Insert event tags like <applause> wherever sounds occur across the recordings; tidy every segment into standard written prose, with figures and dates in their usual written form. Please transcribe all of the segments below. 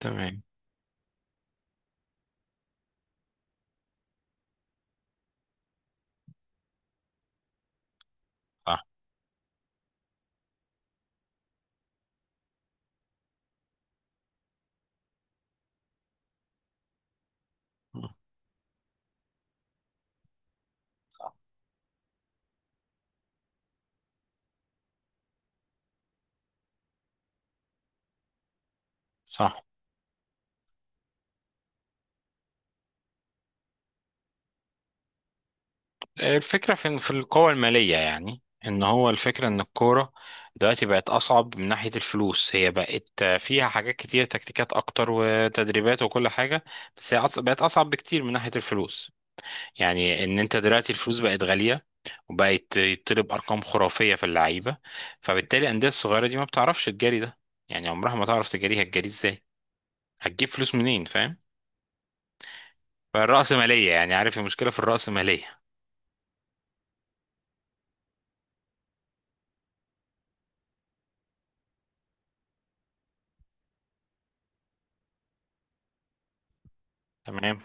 تمام. صح. صح. صح. الفكرة في القوة المالية، يعني ان هو الفكرة ان الكورة دلوقتي بقت اصعب من ناحية الفلوس، هي بقت فيها حاجات كتير، تكتيكات اكتر وتدريبات وكل حاجة، بس هي بقت اصعب بكتير من ناحية الفلوس. يعني ان انت دلوقتي الفلوس بقت غالية، وبقت يطلب ارقام خرافية في اللعيبة، فبالتالي الاندية الصغيرة دي ما بتعرفش تجاري ده، يعني عمرها ما تعرف تجاريها، هتجاري ازاي؟ هتجيب فلوس منين؟ فاهم. فالرأسمالية، يعني عارف المشكلة في الرأسمالية. تمام.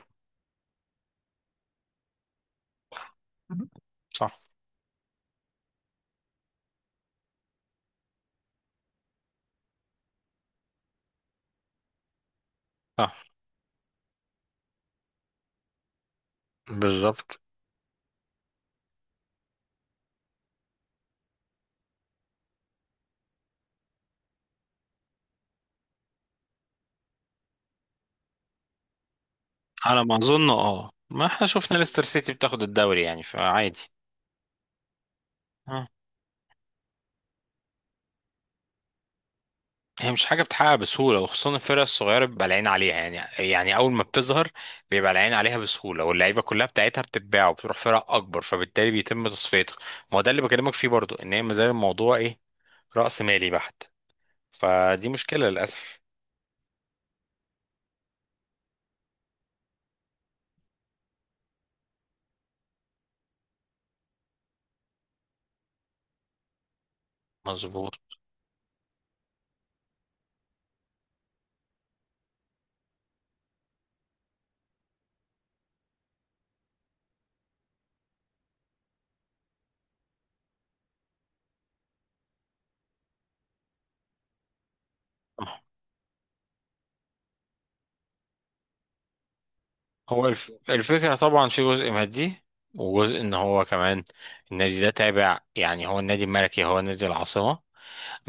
صح. صح. بالظبط. على ما اظن اه، ما احنا شفنا ليستر سيتي بتاخد الدوري يعني، فعادي. اه، هي مش حاجه بتحقق بسهوله، وخصوصا الفرق الصغيره بيبقى العين عليها يعني، يعني اول ما بتظهر بيبقى العين عليها بسهوله، واللعيبه كلها بتاعتها بتتباع وبتروح فرق اكبر، فبالتالي بيتم تصفيتها. ما هو ده اللي بكلمك فيه برضو، ان هي ما زال الموضوع ايه، راس مالي بحت، فدي مشكله للاسف. مظبوط. هو الفكرة طبعا في جزء مادي، وجزء ان هو كمان النادي ده تابع، يعني هو النادي الملكي، هو نادي العاصمة،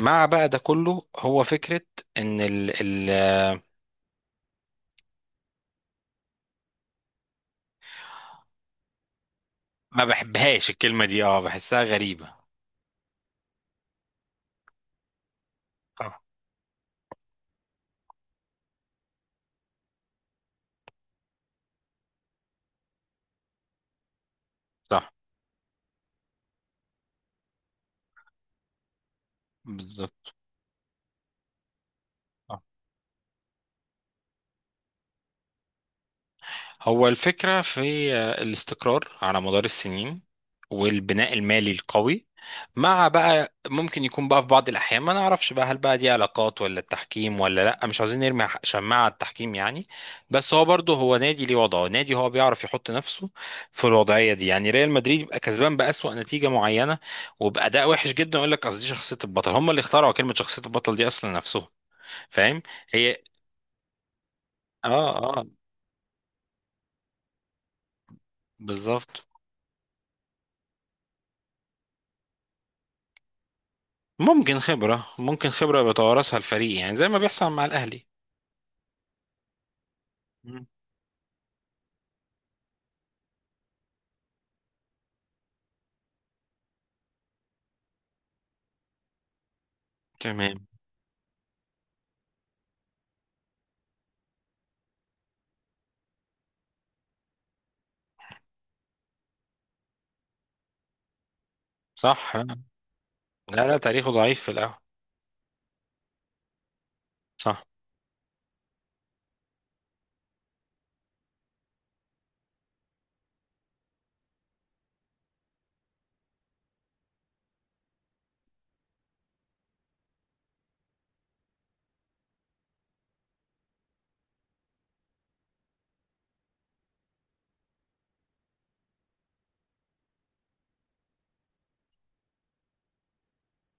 مع بقى ده كله هو فكرة ان ما بحبهاش الكلمة دي، اه بحسها غريبة. صح. صح. بالظبط. هو الفكرة في الاستقرار على مدار السنين، والبناء المالي القوي، مع بقى ممكن يكون بقى في بعض الأحيان ما نعرفش بقى، هل بقى دي علاقات، ولا التحكيم، ولا لأ، مش عايزين نرمي شماعة على التحكيم يعني. بس هو برضه هو نادي ليه وضعه، نادي هو بيعرف يحط نفسه في الوضعية دي، يعني ريال مدريد يبقى كسبان بأسوأ نتيجة معينة وبأداء وحش جدا، يقول لك أصل دي شخصية البطل، هم اللي اخترعوا كلمة شخصية البطل دي أصلا نفسهم، فاهم. هي اه اه بالظبط. ممكن خبرة، ممكن خبرة بيتوارثها الفريق، يعني زي ما بيحصل مع الأهلي. مم. تمام. صح. لا لا، تاريخه ضعيف في الأول. صح.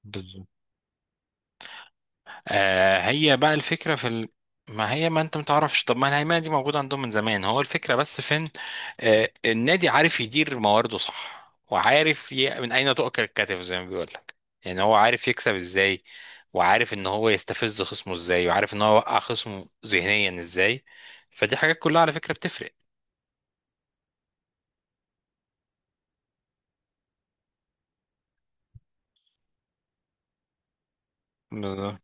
بالظبط. آه، هي بقى الفكرة في ما هي، ما انت متعرفش، طب ما الهيمنة دي موجودة عندهم من زمان، هو الفكرة بس فين؟ آه، النادي عارف يدير موارده. صح. وعارف من أين تؤكل الكتف زي ما بيقول لك، يعني هو عارف يكسب ازاي، وعارف ان هو يستفز خصمه ازاي، وعارف ان هو يوقع خصمه ذهنيا ازاي، فدي حاجات كلها على فكرة بتفرق. بالظبط.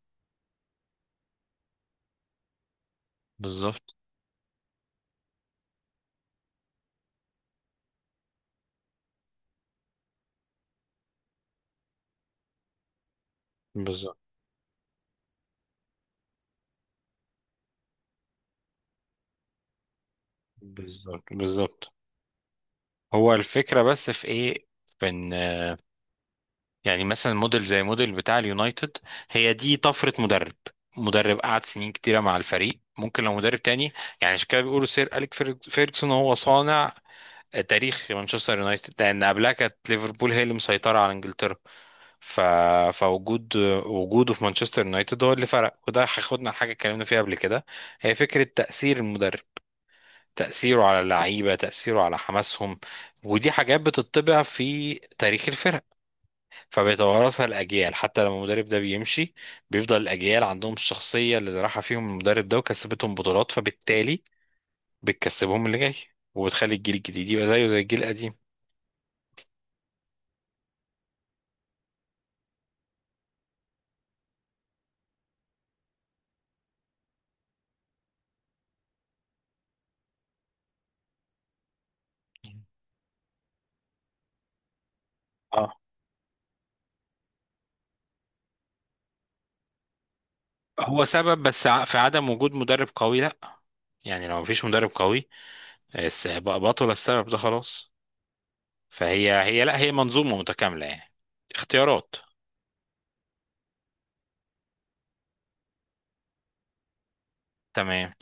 بالظبط. بالظبط. بالظبط. بالظبط. هو الفكرة بس في ايه، في ان، يعني مثلا موديل زي موديل بتاع اليونايتد، هي دي طفرة مدرب، مدرب قعد سنين كتيرة مع الفريق، ممكن لو مدرب تاني، يعني عشان كده بيقولوا سير أليك فيرجسون هو صانع تاريخ مانشستر يونايتد، لأن قبلها كانت ليفربول هي اللي مسيطرة على إنجلترا. ف... فوجود وجوده في مانشستر يونايتد هو اللي فرق، وده هياخدنا لحاجة اتكلمنا فيها قبل كده، هي فكرة تأثير المدرب، تأثيره على اللعيبة، تأثيره على حماسهم، ودي حاجات بتطبع في تاريخ الفرق، فبيتوارثها الأجيال حتى لما المدرب ده بيمشي، بيفضل الأجيال عندهم الشخصية اللي زرعها فيهم المدرب ده، وكسبتهم بطولات، فبالتالي بتكسبهم اللي جاي، وبتخلي الجيل الجديد يبقى زيه زي الجيل القديم. اه. هو سبب، بس في عدم وجود مدرب قوي لا، يعني لو مفيش مدرب قوي بقى بطل السبب ده خلاص. فهي لا، هي منظومة متكاملة يعني، اختيارات. تمام.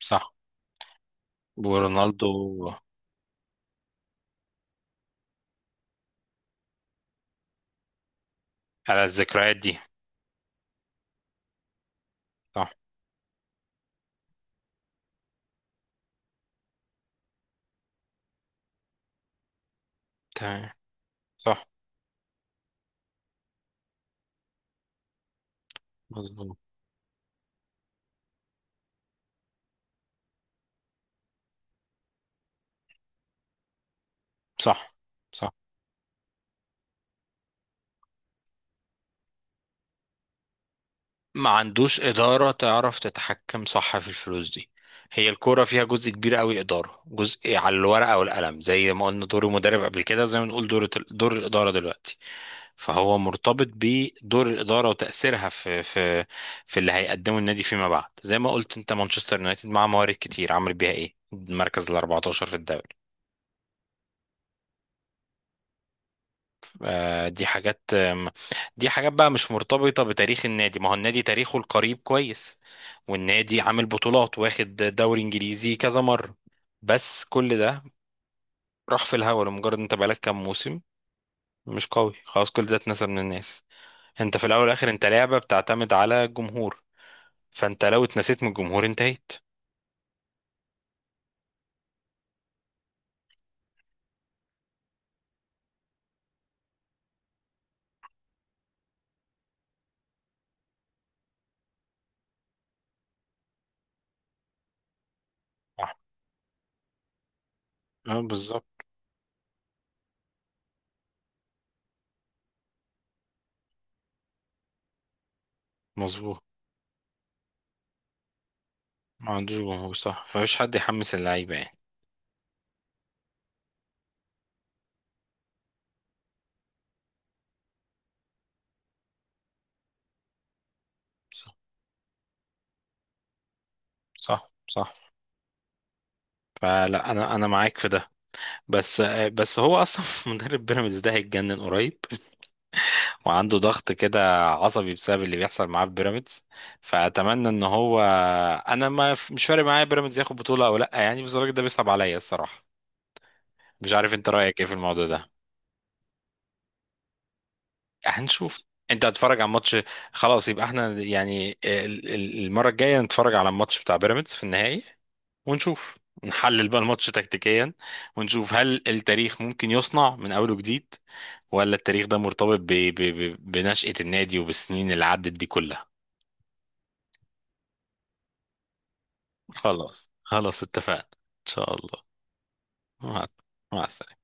صح. ورونالدو. على الذكريات دي. صح. تمام. صح. مظبوط. صح. صح. ما عندوش إدارة تعرف تتحكم، صح، في الفلوس دي، هي الكورة فيها جزء كبير قوي إدارة، جزء على الورقة والقلم، زي ما قلنا دور المدرب قبل كده، زي ما نقول دور الإدارة دلوقتي، فهو مرتبط بدور الإدارة وتأثيرها في اللي هيقدمه النادي فيما بعد، زي ما قلت أنت مانشستر يونايتد مع موارد كتير عمل بيها إيه؟ المركز ال 14 في الدوري. آه، دي حاجات دي حاجات بقى مش مرتبطة بتاريخ النادي، ما هو النادي تاريخه القريب كويس، والنادي عامل بطولات، واخد دوري انجليزي كذا مرة، بس كل ده راح في الهوا لمجرد انت بقالك كام موسم مش قوي، خلاص كل ده اتنسى من الناس. انت في الاول والاخر انت لعبة بتعتمد على الجمهور، فانت لو اتنسيت من الجمهور انتهيت. صح. اه بالظبط. مظبوط. ما عندوش جمهور، صح، فمفيش حد يحمس اللعيبة يعني. صح. صح. صح. فلا، انا معاك في ده، بس بس هو اصلا <laughs> مدرب بيراميدز ده هيتجنن قريب، وعنده ضغط كده عصبي بسبب اللي بيحصل معاه في بيراميدز، فاتمنى ان هو، انا ما مش فارق معايا بيراميدز ياخد بطوله او لا يعني، بس الراجل ده بيصعب عليا الصراحه، مش عارف انت رايك ايه في الموضوع ده. هنشوف. انت هتتفرج على ماتش، خلاص، يبقى احنا يعني المره الجايه نتفرج على الماتش بتاع بيراميدز في النهائي، ونشوف، نحلل بقى الماتش تكتيكيا، ونشوف هل التاريخ ممكن يصنع من اوله جديد، ولا التاريخ ده مرتبط بنشأة النادي وبالسنين اللي عدت دي كلها. خلاص. خلاص اتفقنا ان شاء الله. مع مع السلامة.